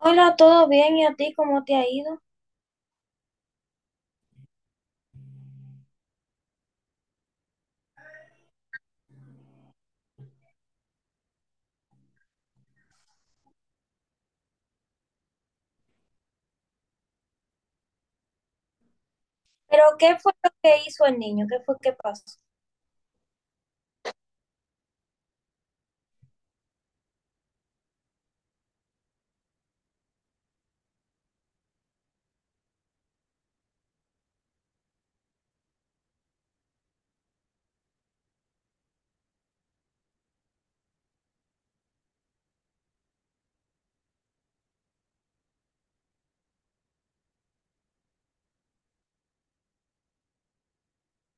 Hola, ¿todo bien? ¿Y a ti cómo te ha ido? Pero, ¿qué fue lo que hizo el niño? ¿Qué fue que pasó?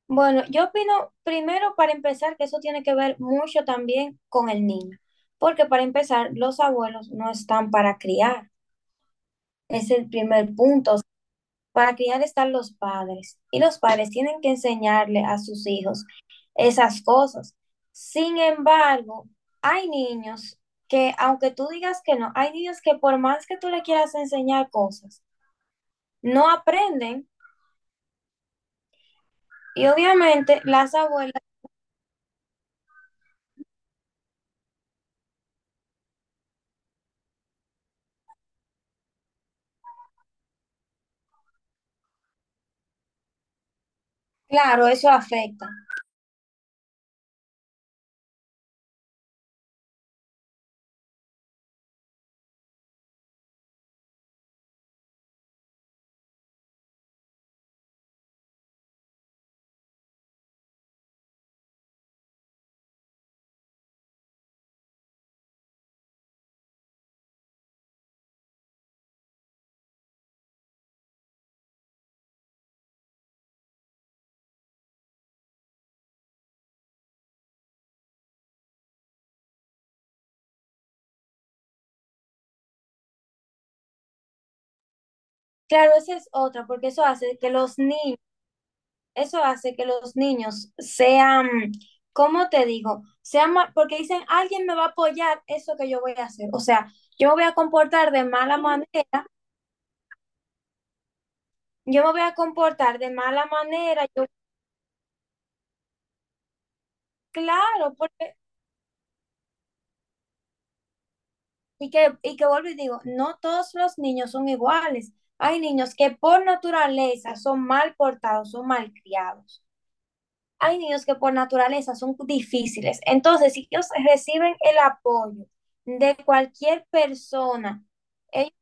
Bueno, yo opino, primero para empezar, que eso tiene que ver mucho también con el niño, porque para empezar los abuelos no están para criar, es el primer punto. O sea, para criar están los padres y los padres tienen que enseñarle a sus hijos esas cosas. Sin embargo, hay niños que, aunque tú digas que no, hay niños que por más que tú le quieras enseñar cosas, no aprenden y obviamente las abuelas, claro, eso afecta. Claro, esa es otra, porque eso hace que los niños, eso hace que los niños sean, ¿cómo te digo? Porque dicen, alguien me va a apoyar eso que yo voy a hacer. O sea, yo me voy a comportar de mala manera, yo me voy a comportar de mala manera, yo, claro, porque, y que vuelvo y digo, no todos los niños son iguales. Hay niños que por naturaleza son mal portados, son malcriados. Hay niños que por naturaleza son difíciles. Entonces, si ellos reciben el apoyo de cualquier persona, ellos-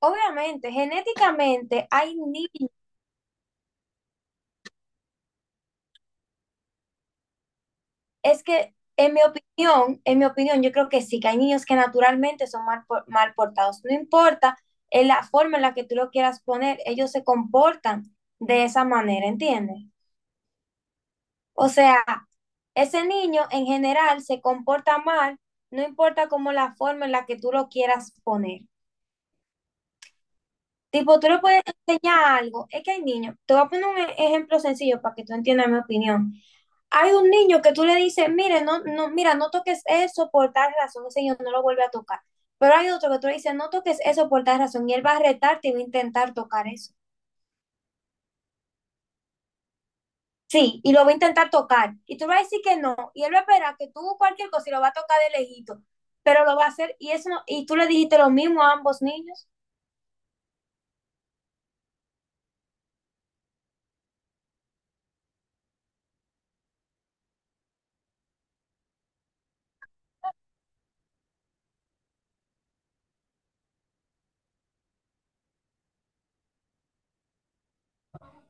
obviamente, genéticamente hay niños. Es que, en mi opinión, yo creo que sí, que hay niños que naturalmente son mal portados. No importa la forma en la que tú lo quieras poner, ellos se comportan de esa manera, ¿entiendes? O sea, ese niño en general se comporta mal, no importa cómo la forma en la que tú lo quieras poner. Tipo, tú le puedes enseñar algo. Es que hay niños. Te voy a poner un ejemplo sencillo para que tú entiendas mi opinión. Hay un niño que tú le dices, mire, no, no, mira, no toques eso por tal razón. Ese niño no lo vuelve a tocar. Pero hay otro que tú le dices, no toques eso por tal razón. Y él va a retarte y va a intentar tocar eso. Sí, y lo va a intentar tocar. Y tú le vas a decir que no. Y él va a esperar que tú cualquier cosa y lo va a tocar de lejito. Pero lo va a hacer. Y eso y tú le dijiste lo mismo a ambos niños.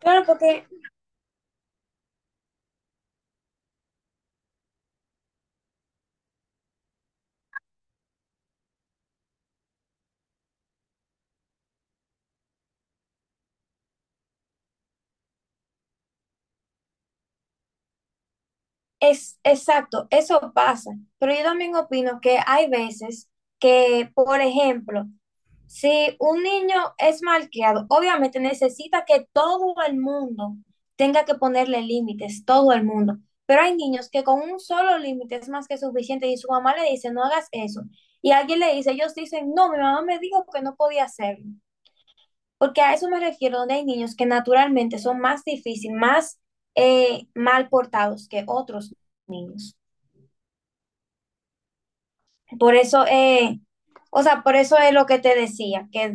Claro, porque. Es exacto, eso pasa, pero yo también opino que hay veces que, por ejemplo, si un niño es malcriado, obviamente necesita que todo el mundo tenga que ponerle límites, todo el mundo, pero hay niños que con un solo límite es más que suficiente y su mamá le dice, no hagas eso, y alguien le dice, ellos dicen, no, mi mamá me dijo que no podía hacerlo, porque a eso me refiero, donde hay niños que naturalmente son más difíciles, más mal portados que otros niños. Por eso, o sea, por eso es lo que te decía, que.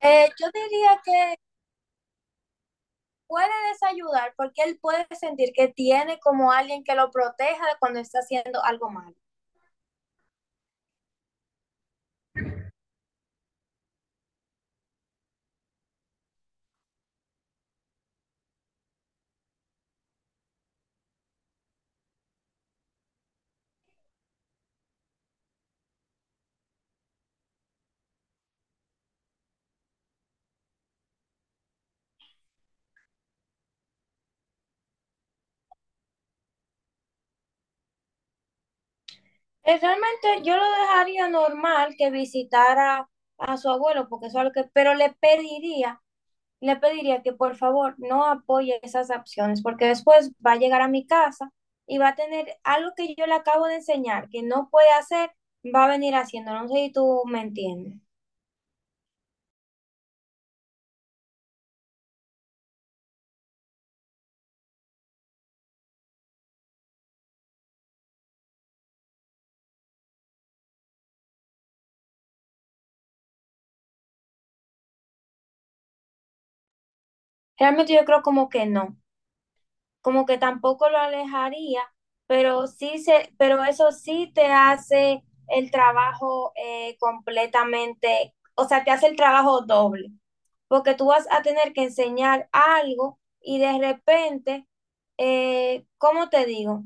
Yo diría que puede desayudar porque él puede sentir que tiene como alguien que lo proteja cuando está haciendo algo malo. Realmente yo lo dejaría normal que visitara a su abuelo, porque eso es lo que, pero le pediría que por favor no apoye esas acciones, porque después va a llegar a mi casa y va a tener algo que yo le acabo de enseñar, que no puede hacer, va a venir haciendo, no sé si tú me entiendes. Realmente yo creo como que no, como que tampoco lo alejaría, pero eso sí te hace el trabajo completamente, o sea, te hace el trabajo doble, porque tú vas a tener que enseñar algo y de repente, ¿cómo te digo?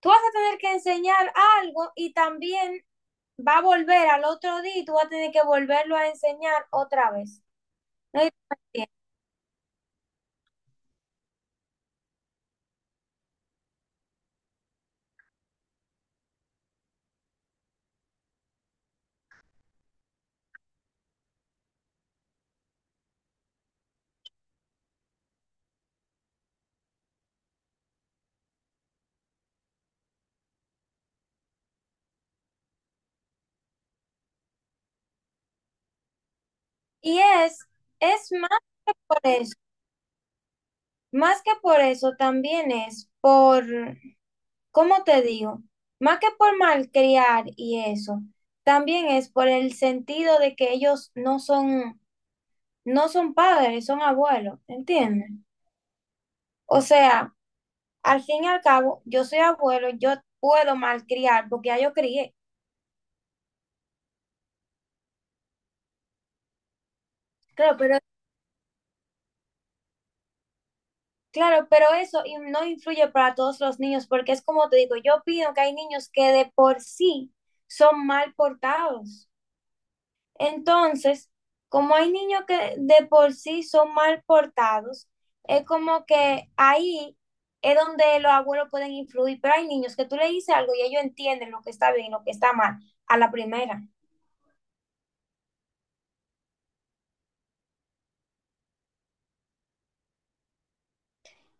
Tú vas a tener que enseñar algo y también va a volver al otro día y tú vas a tener que volverlo a enseñar otra vez. ¿No entiendes? Y es más por eso. Más que por eso, también es por, ¿cómo te digo? Más que por malcriar y eso, también es por el sentido de que ellos no son, no son padres, son abuelos, ¿entiendes? O sea, al fin y al cabo, yo soy abuelo, yo puedo malcriar porque ya yo crié. Claro, pero, claro, pero eso y no influye para todos los niños porque es como te digo, yo opino que hay niños que de por sí son mal portados. Entonces, como hay niños que de por sí son mal portados, es como que ahí es donde los abuelos pueden influir, pero hay niños que tú le dices algo y ellos entienden lo que está bien y lo que está mal a la primera.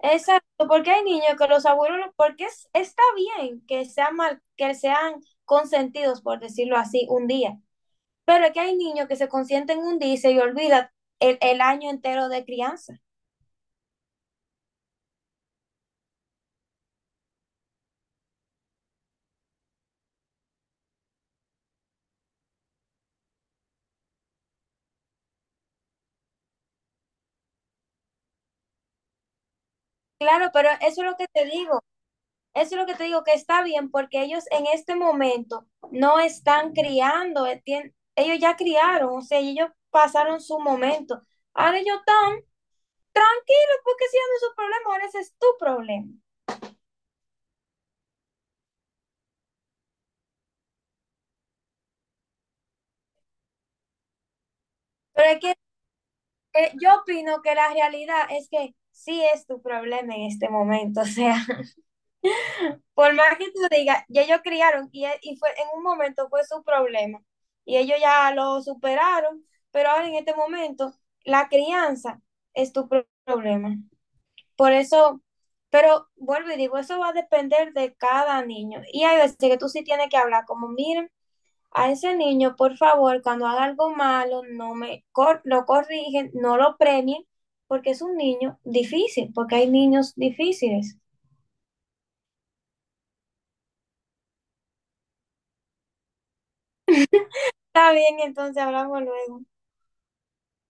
Exacto, porque hay niños que los abuelos, porque está bien que sean mal, que sean consentidos, por decirlo así, un día, pero es que hay niños que se consienten un día y se olvidan el año entero de crianza. Claro, pero eso es lo que te digo. Eso es lo que te digo, que está bien, porque ellos en este momento no están criando, ellos ya criaron, o sea, ellos pasaron su momento. Ahora ellos están tranquilos porque si no es su problema, ahora ese es tu problema. Pero es que yo opino que la realidad es que sí es tu problema en este momento, o sea. Por más que tú digas, ya ellos criaron y, y fue, en un momento fue su problema y ellos ya lo superaron, pero ahora en este momento la crianza es tu problema. Por eso, pero vuelvo y digo, eso va a depender de cada niño. Y hay veces que tú sí tienes que hablar como, miren, a ese niño, por favor, cuando haga algo malo, no me lo corrigen, no lo premien, porque es un niño difícil, porque hay niños difíciles. Está bien, entonces hablamos luego.